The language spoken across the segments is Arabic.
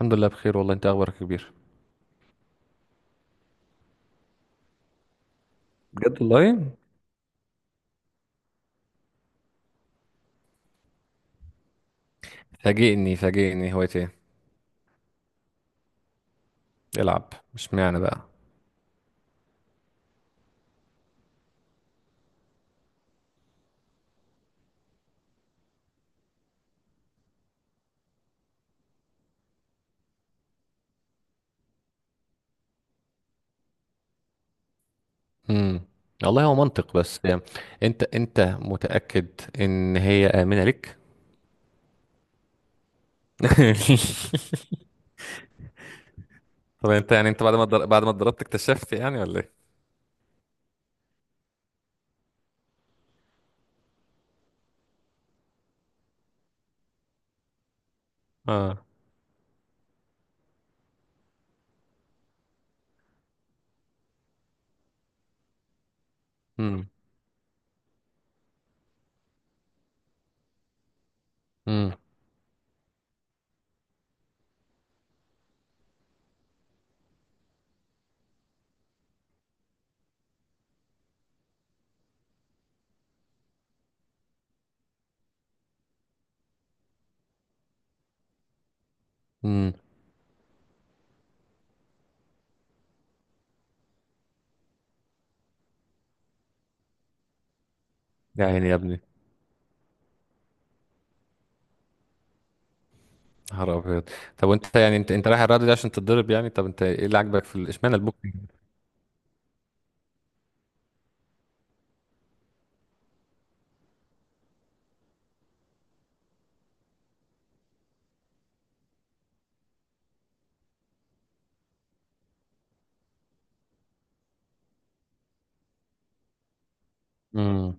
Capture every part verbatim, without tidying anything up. الحمد لله بخير والله، انت اخبارك يا كبير؟ بجد والله. فاجئني فاجئني، هواية ايه؟ العب مش معنى بقى. امم. والله هو منطق بس يعني. انت انت متأكد ان هي آمنة لك؟ طب انت يعني انت بعد ما اتضر- بعد ما اتضربت اكتشفت يعني ولا ايه؟ اه. امم امم امم. يا عيني يا ابني. نهار ابيض. طب وانت يعني انت انت رايح الرياضه دي عشان تتضرب يعني؟ طب انت ايه اللي عاجبك في ال- اشمعنى البوكسنج؟ امم.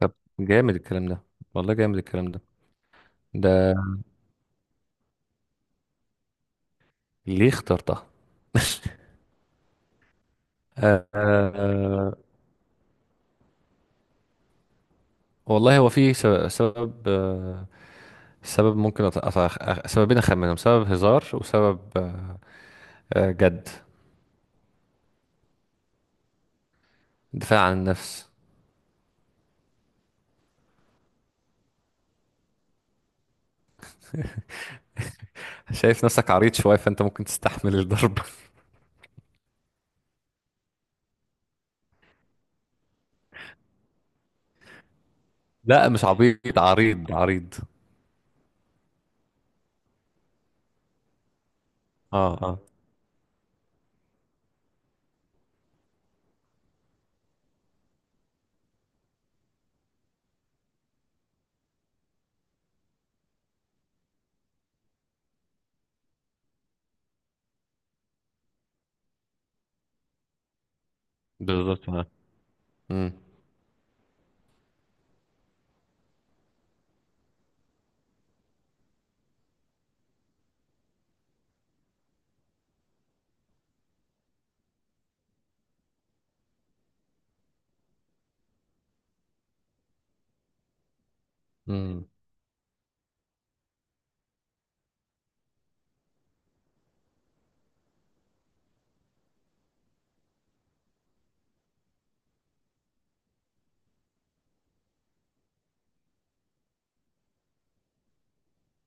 طب، جامد الكلام ده، والله جامد الكلام ده. ده ليه اخترتها؟ آه، آه، آه. والله هو في س- سبب، آه، سبب ممكن أط... أط... أخ- سببين أخمنهم، سبب هزار وسبب آه، آه جد. دفاع عن النفس. شايف نفسك عريض شوية فأنت ممكن تستحمل الضرب. لا مش عبيط، عريض عريض. اه اه بالظبط اه. امم امم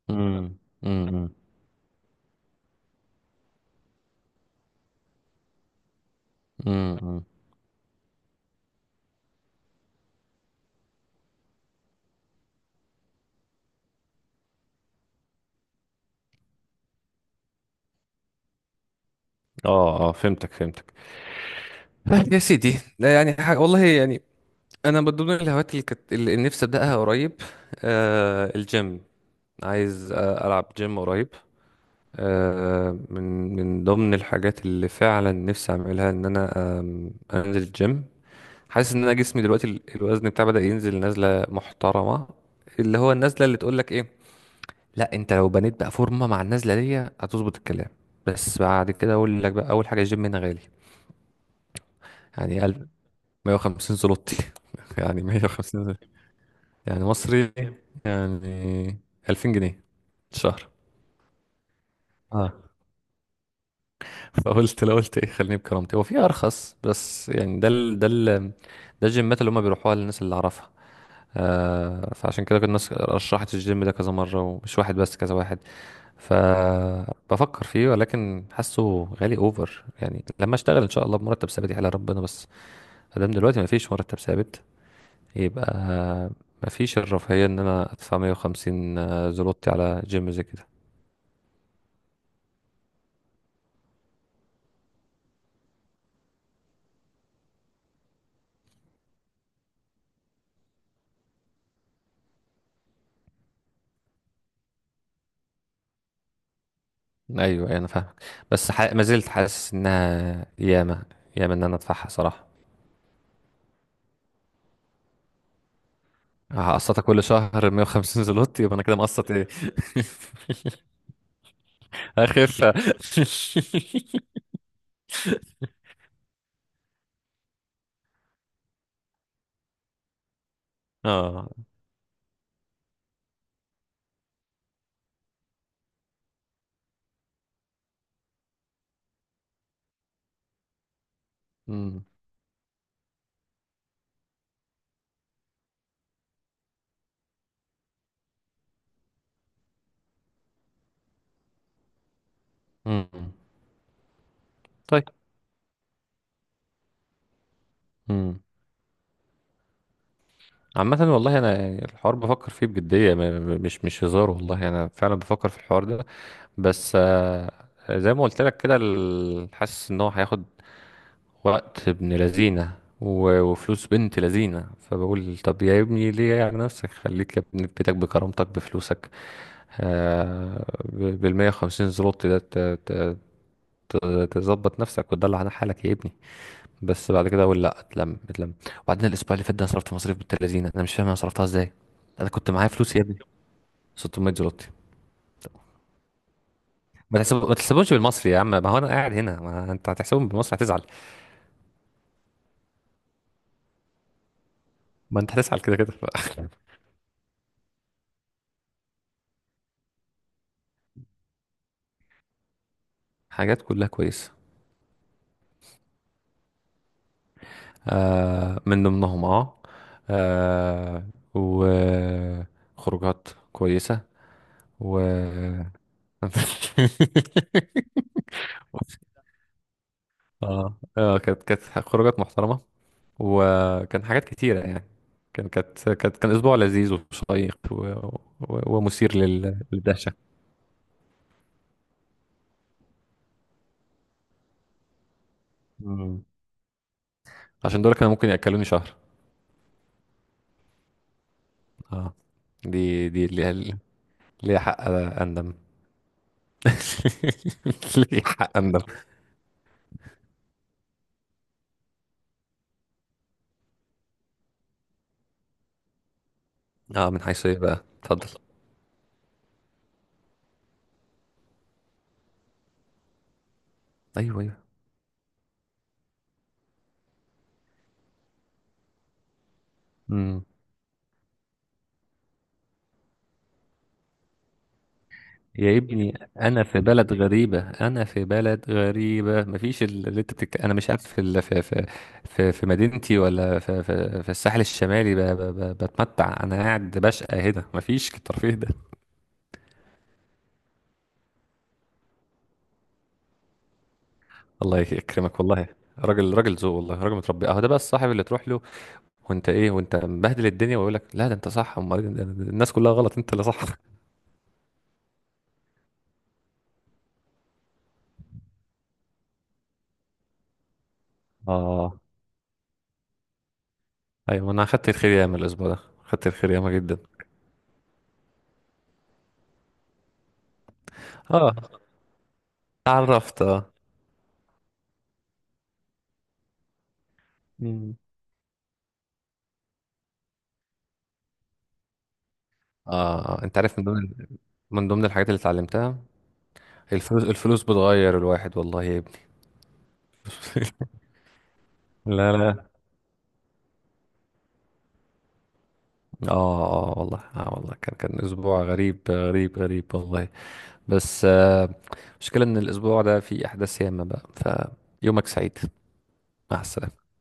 امم امم امم اه اه فهمتك فهمتك. طيب يا سيدي، لا يعني حاجة والله يعني. انا من ضمن الهوايات اللي كانت اللي نفسي ابداها قريب آه الجيم. عايز آه، ألعب جيم قريب. آه، من من ضمن الحاجات اللي فعلا نفسي أعملها إن أنا آم، أنزل الجيم. حاسس إن أنا جسمي دلوقتي ال- الوزن بتاعي بدأ ينزل نزلة محترمة، اللي هو النزلة اللي تقولك إيه، لا أنت لو بنيت بقى فورمة مع النزلة دي هتظبط الكلام. بس بعد كده أقول لك بقى، أول حاجة الجيم هنا غالي. يعني ألف مية وخمسين زلوتي، يعني مية وخمسين زلوتي. يعني مصري، يعني ألفين جنيه في الشهر. اه، فقلت لو قلت ايه خليني بكرامتي. هو في ارخص بس يعني، ده ال ده ال ده الجيمات اللي هم بيروحوها للناس اللي اعرفها. آه فعشان كده كنت الناس رشحت الجيم ده كذا مره، ومش واحد بس كذا واحد. فبفكر فيه ولكن حاسه غالي اوفر، يعني لما اشتغل ان شاء الله بمرتب ثابت يحلى ربنا. بس ادام دلوقتي ما فيش مرتب ثابت يبقى ما فيش الرفاهيه ان انا ادفع مية وخمسين زلوتي على جيم زي كده. ايوه أيوة، انا فاهمك. بس ح... ما زلت حاسس انها ياما ياما ان انا ادفعها صراحه. هقسطها كل شهر مية وخمسين زلوت، يبقى انا كده مقسط ايه؟ اخف اه، أمم، أمم. طيب، أمم. عامة والله أنا الحوار بفكر فيه بجدية، م- م- مش مش هزار، والله أنا فعلا بفكر في الحوار ده. بس آه، زي ما قلت لك كده ال- حاسس إن هو هياخد وقت ابن لذينة و- وفلوس بنت لذينة. فبقول طب يا ابني ليه؟ يعني نفسك خليك يا ابني في بيتك بكرامتك بفلوسك، آه، ب- بالمية وخمسين زلوت ده ت- ت- ت- تظبط نفسك وتدلع على حالك يا ابني. بس بعد كده اقول لا، اتلم اتلم. وبعدين الاسبوع اللي فات ده انا صرفت مصاريف بنت لذينة، انا مش فاهم انا صرفتها ازاي. انا كنت معايا فلوس يا ابني، ستمية زلوتي. ما تحسب... ما تحسبهمش بالمصري يا عم، ما هو انا قاعد هنا. ما انت هتحسبهم بالمصري هتزعل، ما انت هتزعل كده كده. حاجات كلها كويسة. آه من ضمنهم اه، آه، وخروجات كويسة و اه اه كانت كانت خروجات محترمة، وكان حاجات كتيرة يعني. كان كانت كانت كان أسبوع لذيذ وشيق و... و... ومثير لل... للدهشة. مم. عشان دول كانوا ممكن يأكلوني شهر. اه دي دي ليها، ليها حق أندم. ليها حق أندم. اه، من حيث ايه بقى؟ اتفضل. ايوه ايوه. امم. يا ابني انا في بلد غريبه، انا في بلد غريبه، مفيش ال- اللي انت بتك... انا مش عارف في ال... في في في في مدينتي ولا في في, في الساحل الشمالي ب... ب... ب... بتمتع. انا قاعد بشقى هنا مفيش الترفيه ده. الله يكرمك والله. راجل راجل ذوق، والله راجل متربي. اهو ده بقى الصاحب اللي تروح له، وانت ايه وانت مبهدل الدنيا ويقول لك لا ده انت صح، امال إيه؟ ده- الناس كلها غلط انت اللي صح. اه، ايوه انا اخدت الخير ياما الاسبوع ده. اخدت الخير ياما جدا. اه، اتعرفت اه. مم. آه انت عارف من ضمن، من ضمن الحاجات اللي اتعلمتها، الفلوس الفلوس بتغير الواحد والله يا ابني. لا لا. اه اه والله اه والله كان كان اسبوع غريب غريب غريب والله. بس المشكلة، آه المشكلة ان الاسبوع ده فيه احداث ياما بقى. فيومك سعيد. مع السلامة